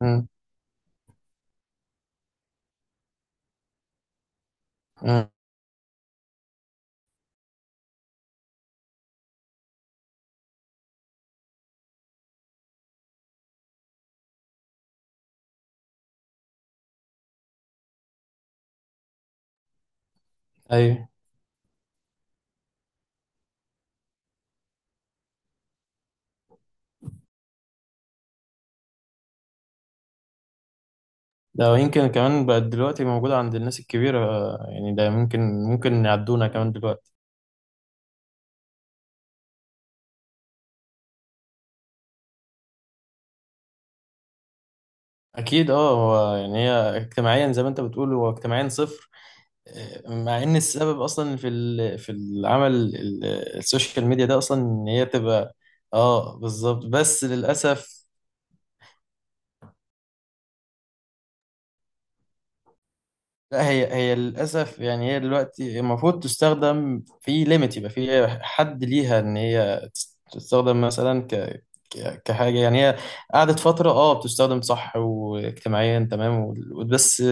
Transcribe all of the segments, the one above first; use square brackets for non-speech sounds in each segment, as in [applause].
مم. مم. ايوه. ده يمكن كمان بقت دلوقتي موجودة عند الناس الكبيرة، يعني ده ممكن يعدونا كمان دلوقتي. أكيد، هو يعني هي اجتماعيا زي ما أنت بتقول هو اجتماعيا صفر. مع إن السبب أصلا في السوشيال ميديا ده أصلا إن هي بتبقى... بالظبط، بس للأسف. لا، هي للأسف، يعني هي دلوقتي المفروض تستخدم في ليميت، يبقى في حد ليها إن هي تستخدم مثلا كحاجة يعني هي قعدت فترة بتستخدم صح واجتماعيا تمام، بس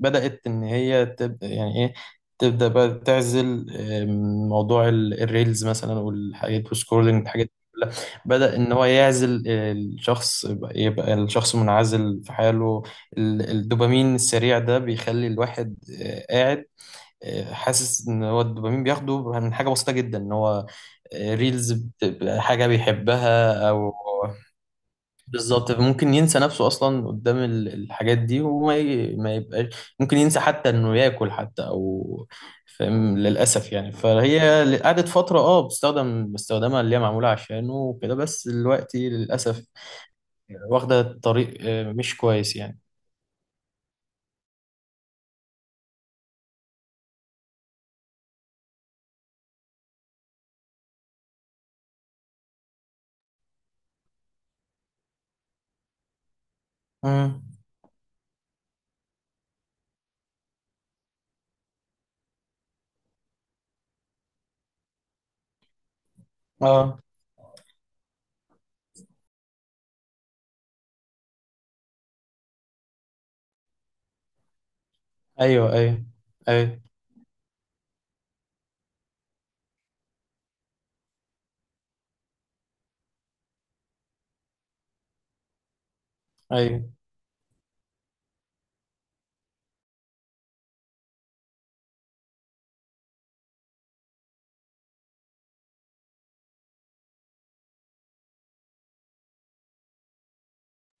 بدأت إن هي تبدأ، يعني إيه، تبدأ بقى تعزل. موضوع الريلز مثلا والحاجات والسكرولينج، الحاجات دي كلها بدأ إن هو يعزل. الشخص يبقى الشخص منعزل في حاله. الدوبامين السريع ده بيخلي الواحد قاعد، حاسس ان هو الدوبامين بياخده من حاجه بسيطه جدا، ان هو ريلز بتبقى حاجه بيحبها او بالظبط. ممكن ينسى نفسه اصلا قدام الحاجات دي، وما ي- ما يبقاش، ممكن ينسى حتى انه ياكل حتى او فاهم، للاسف يعني. فهي قعدت فتره بتستخدم استخدامها اللي هي معموله عشانه وكده، بس دلوقتي للاسف واخده طريق مش كويس يعني. امم. اه. ايوه ايوه ايوه ايوه.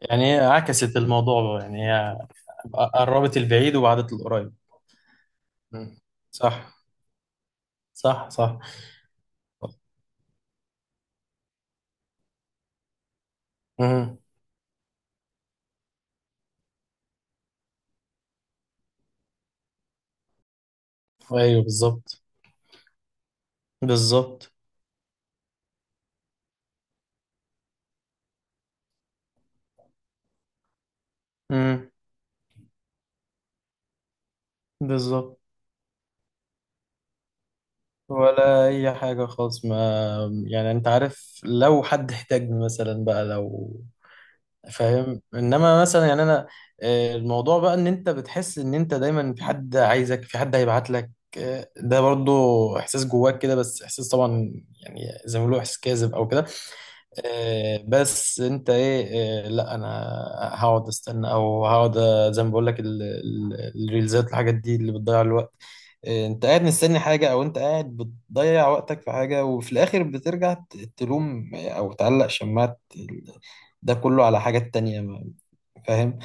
يعني هي عكست الموضوع بقى، يعني هي قربت البعيد وبعدت القريب. مم. صح. صح صح. امم. ايوه، بالظبط. بالظبط. امم. بالظبط. ولا اي حاجة خالص، ما يعني انت عارف لو حد احتاجني مثلا بقى، لو فاهم، انما مثلا يعني انا الموضوع بقى ان انت بتحس ان انت دايما في حد عايزك، في حد هيبعت لك. ده برضو احساس جواك كده، بس احساس طبعا، يعني زي ما بيقولوا احساس كاذب او كده. بس انت ايه؟ لا انا هقعد استنى، او هقعد، زي ما بقول لك الريلزات الحاجات دي اللي بتضيع الوقت. انت قاعد مستني حاجه، او انت قاعد بتضيع وقتك في حاجه، وفي الاخر بترجع تلوم، او تعلق شماعه ده كله على حاجات تانية فاهم.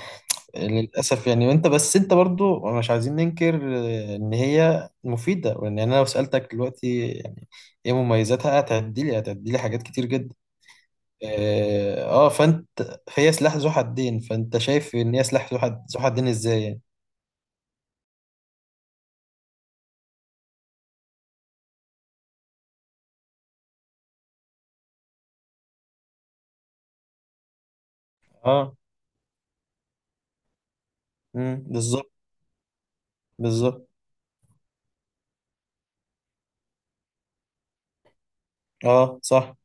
للاسف يعني. وانت بس انت برضو مش عايزين ننكر ان هي مفيده، وان انا لو سالتك دلوقتي يعني ايه مميزاتها، هتعدي لي حاجات كتير جدا. اه فانت فهي سلاح ذو حدين. فانت شايف ان هي سلاح ذو حدين ازاي يعني؟ اه. امم. بالظبط بالظبط. اه صح.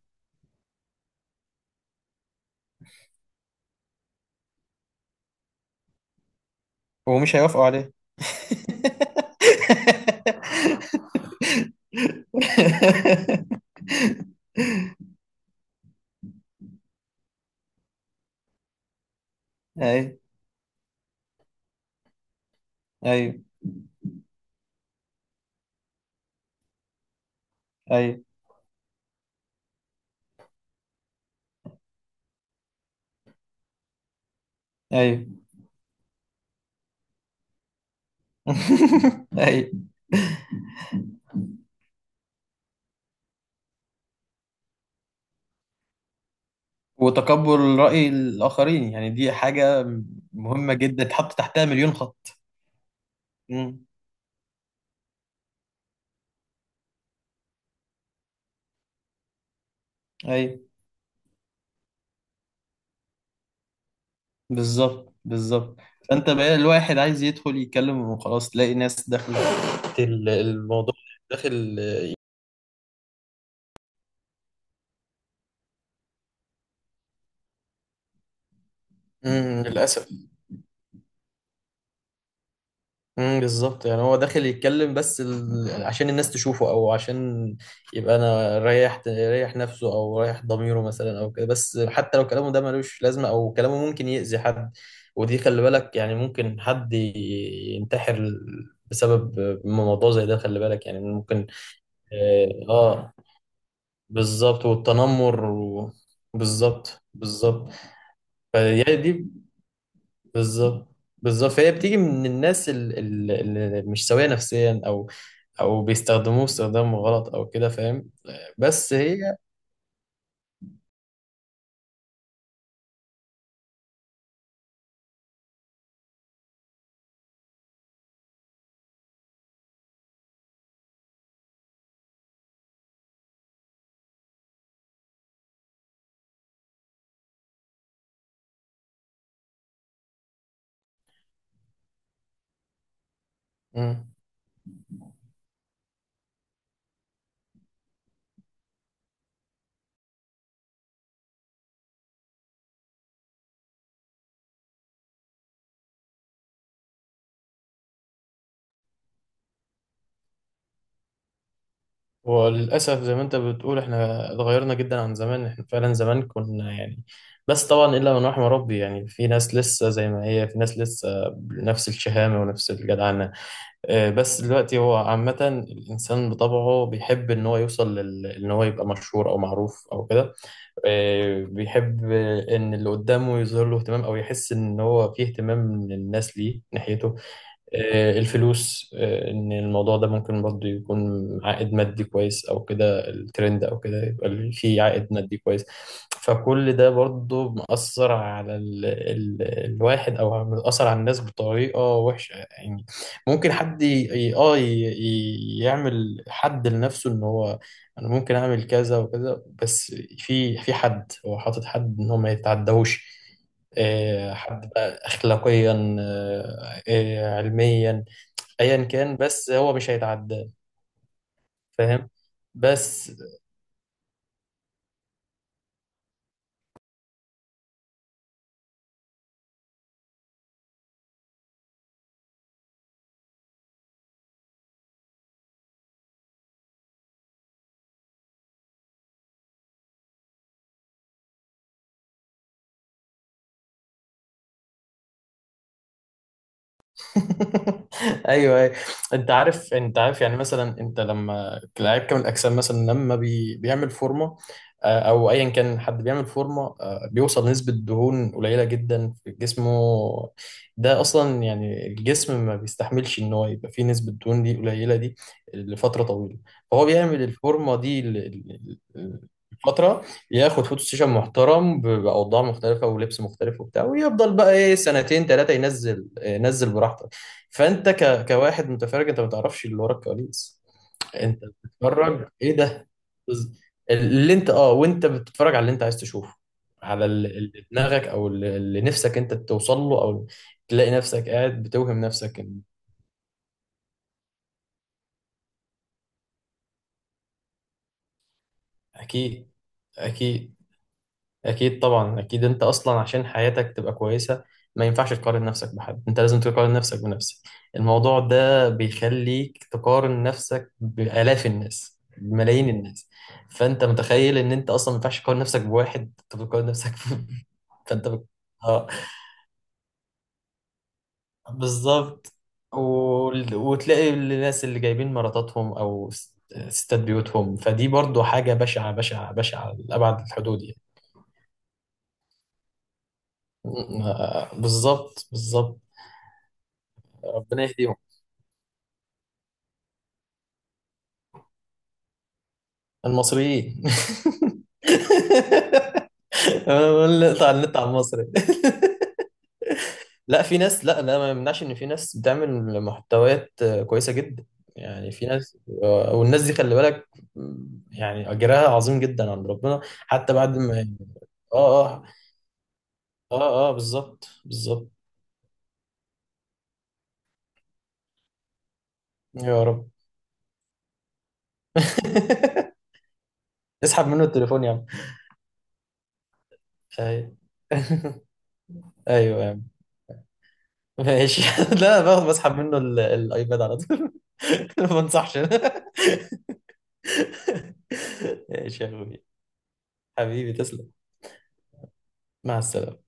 ومش هيوافقوا عليه. [laughs] ايوه ايوه ايوه ايوه. [laughs] ايوه. وتقبل رأي الآخرين، يعني دي حاجة مهمة جدا تحط تحتها مليون خط. امم. ايوه بالظبط. بالظبط. فانت بقى الواحد عايز يدخل يتكلم وخلاص تلاقي ناس داخله الموضوع، داخل. للاسف. بالظبط. يعني هو داخل يتكلم، بس عشان الناس تشوفه، او عشان يبقى انا ريح نفسه، او ريح ضميره مثلا، او كده، بس حتى لو كلامه ده ملوش لازمه، او كلامه ممكن يأذي حد. ودي خلي بالك، يعني ممكن حد ينتحر بسبب موضوع زي ده. خلي بالك، يعني ممكن. اه بالظبط والتنمر و... بالظبط بالظبط. فهي دي بالظبط بالظبط. فهي بتيجي من الناس اللي مش سوية نفسيا، او او بيستخدموه استخدام غلط او كده، فاهم. بس هي... مم. وللاسف زي ما انت بتقول احنا اتغيرنا جدا عن زمان. احنا فعلا زمان كنا يعني، بس طبعا الا من رحم ربي، يعني في ناس لسه زي ما هي، في ناس لسه بنفس الشهامة ونفس الجدعنة. بس دلوقتي هو عامة الإنسان بطبعه بيحب إن هو يوصل إن هو يبقى مشهور أو معروف أو كده. بيحب إن اللي قدامه يظهر له اهتمام، أو يحس إن هو فيه اهتمام من الناس ليه ناحيته. الفلوس، ان الموضوع ده ممكن برضه يكون عائد مادي كويس او كده، الترند او كده يبقى فيه عائد مادي كويس. فكل ده برضه مأثر على ال الواحد، او مأثر على الناس بطريقة وحشة يعني. ممكن حد ي- اه ي- يعمل حد لنفسه ان هو انا ممكن اعمل كذا وكذا، بس في حد هو حاطط حد ان هو ما يتعداهوش. حد بقى اخلاقيا، علميا، ايا كان، بس هو مش هيتعداه فاهم. بس. [laughs] ايوه أيوة. انت عارف يعني مثلا انت لما لعيب كمال الاجسام مثلا لما بيعمل فورمه. او ايا كان حد بيعمل فورمه، بيوصل نسبه دهون قليله جدا في جسمه. ده اصلا يعني الجسم ما بيستحملش ان هو يبقى فيه نسبه دهون دي قليله دي لفتره طويله. فهو بيعمل الفورمه دي فترة، ياخد فوتو سيشن محترم بأوضاع مختلفة ولبس مختلف وبتاع، ويفضل بقى ايه سنتين ثلاثة ينزل، ينزل براحته. فانت كواحد متفرج انت ما تعرفش اللي ورا الكواليس. انت بتتفرج ايه ده؟ بز- اللي انت وانت بتتفرج على اللي انت عايز تشوفه، على اللي دماغك، او اللي نفسك انت توصل له، او تلاقي نفسك قاعد بتوهم نفسك إن... اكيد. اكيد. أكيد طبعا. أكيد أنت أصلا عشان حياتك تبقى كويسة ما ينفعش تقارن نفسك بحد، أنت لازم تقارن نفسك بنفسك. الموضوع ده بيخليك تقارن نفسك بآلاف الناس، بملايين الناس. فأنت متخيل إن أنت أصلا ما ينفعش تقارن نفسك بواحد، أنت بتقارن نفسك [laughs] فأنت آه، بالظبط. وال- وتلاقي الناس اللي جايبين مراتاتهم أو ستات بيوتهم، فدي برضو حاجة بشعة بشعة بشعة لأبعد الحدود يعني. بالظبط بالظبط. ربنا يهديهم المصريين. [laughs] أنا نقطع النت على المصري. [laughs] لا، في ناس، لا لا، ما يمنعش ان في ناس بتعمل محتويات كويسه جدا، يعني في ناس. والناس دي خلي بالك، يعني اجرها عظيم جدا عند ربنا حتى بعد ما... اه اه. اه اه بالظبط بالظبط. يا رب. [laughs] اسحب منه التليفون يا عم. ايوه. [laughs] ايوه. ماشي. [laughs] لا، بسحب منه الايباد على طول. [laughs] ما بنصحش. [laughs] ماشي يا اخوي. حبيبي تسلم. مع السلامة.